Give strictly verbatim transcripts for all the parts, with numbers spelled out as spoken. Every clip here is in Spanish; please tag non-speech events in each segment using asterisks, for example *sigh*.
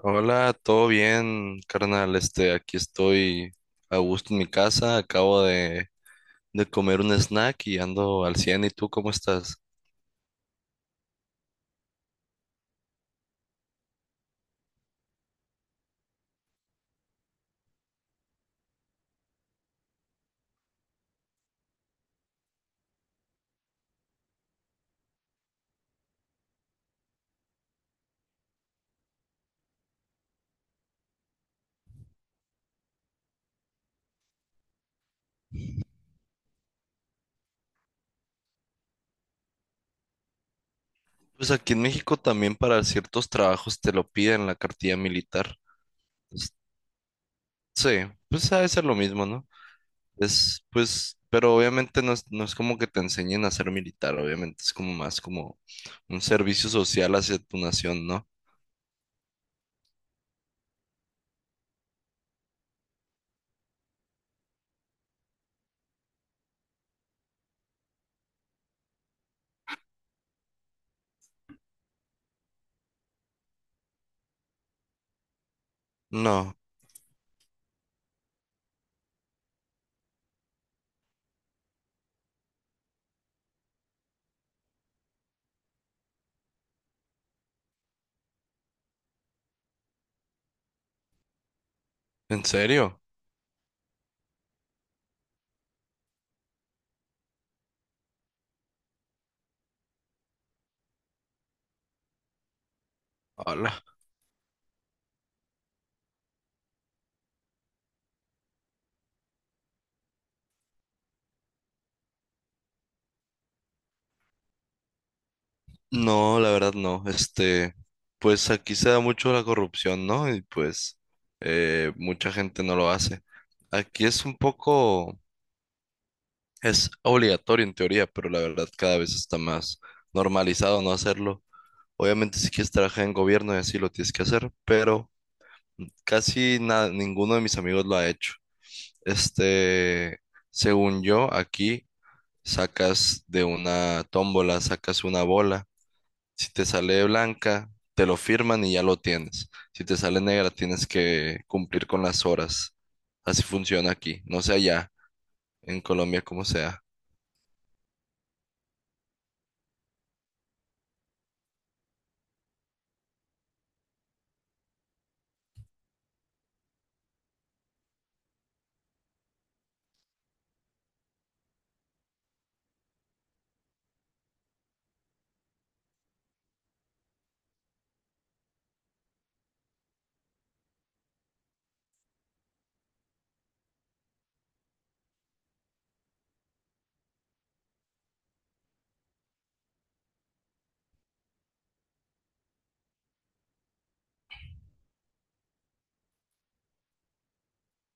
Hola, todo bien, carnal. Este, aquí estoy a gusto en mi casa. Acabo de, de comer un snack y ando al cien. ¿Y tú cómo estás? Pues aquí en México también para ciertos trabajos te lo piden la cartilla militar. Es- Sí, pues ha de ser lo mismo, ¿no? Es, pues, pero obviamente no es, no es como que te enseñen a ser militar, obviamente es como más como un servicio social hacia tu nación, ¿no? No, ¿en serio? Hola. No, la verdad no. Este, pues aquí se da mucho la corrupción, ¿no? Y pues eh, mucha gente no lo hace. Aquí es un poco, es obligatorio en teoría, pero la verdad cada vez está más normalizado no hacerlo. Obviamente si quieres trabajar en gobierno y así lo tienes que hacer, pero casi na- ninguno de mis amigos lo ha hecho. Este, Según yo, aquí sacas de una tómbola, sacas una bola. Si te sale blanca, te lo firman y ya lo tienes. Si te sale negra, tienes que cumplir con las horas. Así funciona aquí. No sé allá, en Colombia, como sea.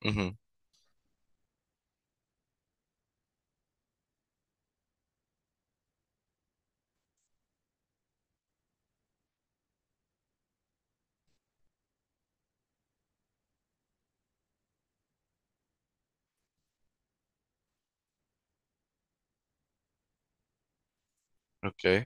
Ujú, ok.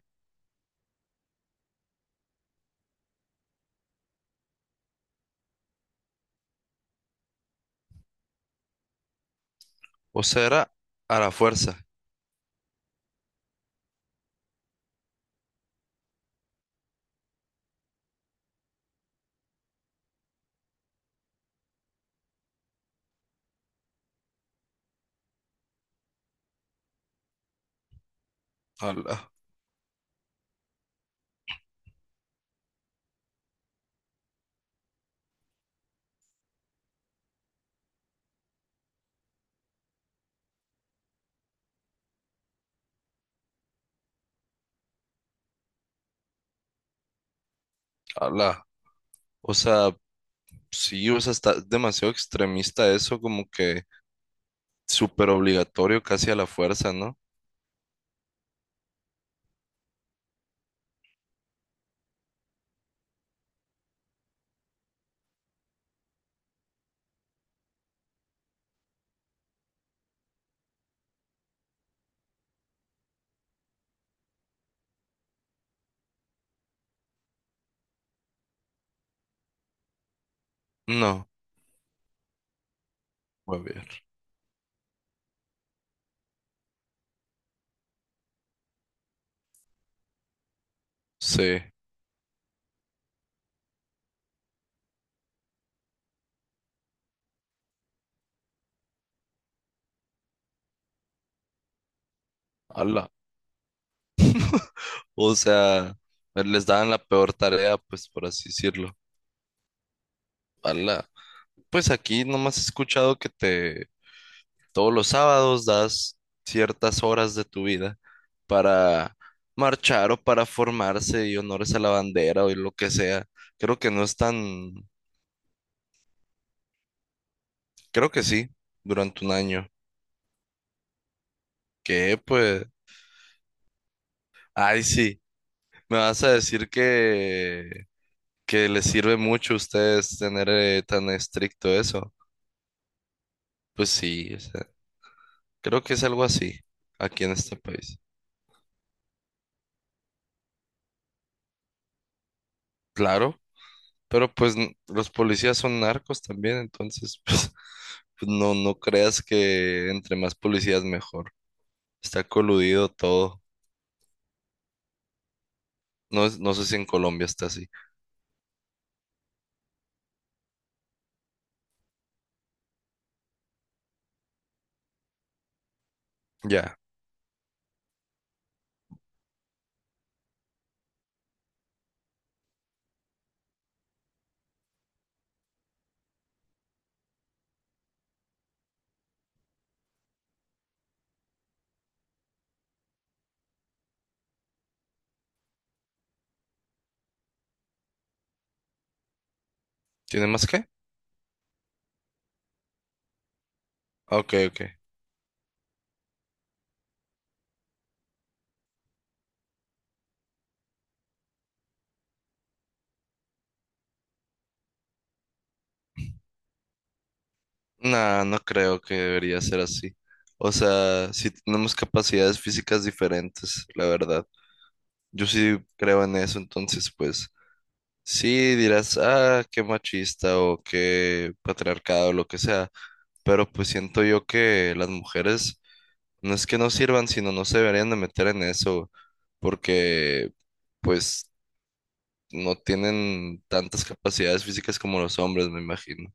O sea, era a la fuerza. Ala, ala. O sea, sí, o sea, está demasiado extremista eso, como que súper obligatorio, casi a la fuerza, ¿no? No, muy bien. Sí, ala. O sea, les daban la peor tarea, pues por así decirlo. Ala. Pues aquí nomás he escuchado que te todos los sábados das ciertas horas de tu vida para marchar o para formarse y honores a la bandera o y lo que sea. Creo que no es tan, creo que sí, durante un año. Que pues, ay sí, me vas a decir que que les sirve mucho a ustedes tener eh, tan estricto eso. Pues sí, o sea, creo que es algo así aquí en este país. Claro. Pero pues n- los policías son narcos también, entonces *laughs* pues, pues, no, no creas que entre más policías mejor. Está coludido todo. No, es- no sé si en Colombia está así. Ya. ¿Tiene más qué? Ok, ok. No, no creo que debería ser así. O sea, si tenemos capacidades físicas diferentes, la verdad. Yo sí creo en eso, entonces pues sí dirás, ah, qué machista o qué patriarcado, lo que sea. Pero pues siento yo que las mujeres. No es que no sirvan, sino no se deberían de meter en eso, porque pues no tienen tantas capacidades físicas como los hombres, me imagino.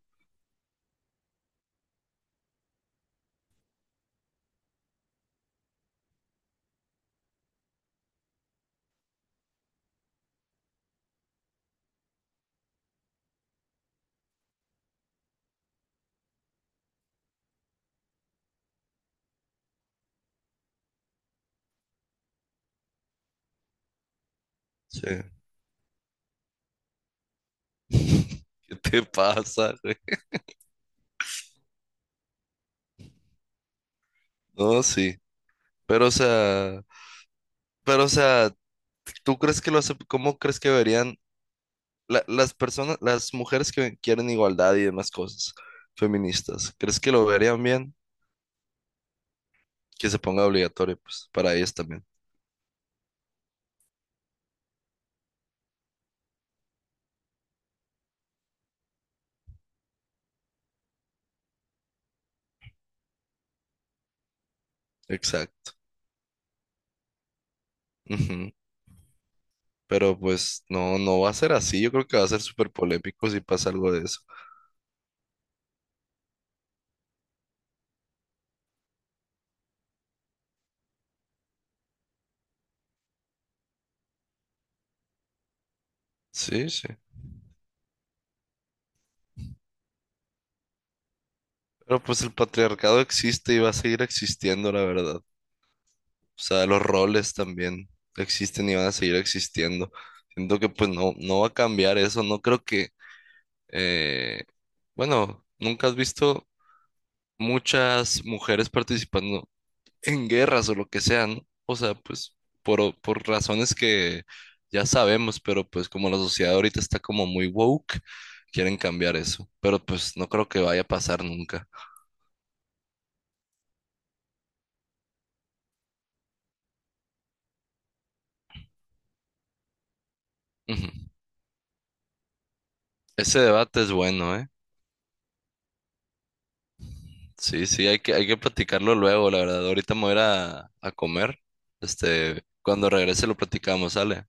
Sí. *laughs* ¿Qué te pasa, güey? No, sí. Pero, o sea, pero, o sea, ¿tú crees que lo hace, cómo crees que deberían la- las personas, las mujeres que quieren igualdad y demás cosas feministas, crees que lo verían bien? Que se ponga obligatorio, pues, para ellas también. Exacto. Ujú. Pero pues no, no va a ser así. Yo creo que va a ser súper polémico si pasa algo de eso. Sí, sí. Pero pues el patriarcado existe y va a seguir existiendo, la verdad. O sea, los roles también existen y van a seguir existiendo. Siento que pues no, no va a cambiar eso. No creo que, eh, bueno, nunca has visto muchas mujeres participando en guerras o lo que sea, ¿no? O sea, pues por, o- por razones que ya sabemos, pero pues como la sociedad ahorita está como muy woke, quieren cambiar eso, pero pues no creo que vaya a pasar nunca. Ujú. Ese debate es bueno, ¿eh? Sí, sí, hay que, hay que platicarlo luego, la verdad. Ahorita me voy a ir a, a comer. Este, cuando regrese lo platicamos, ¿sale?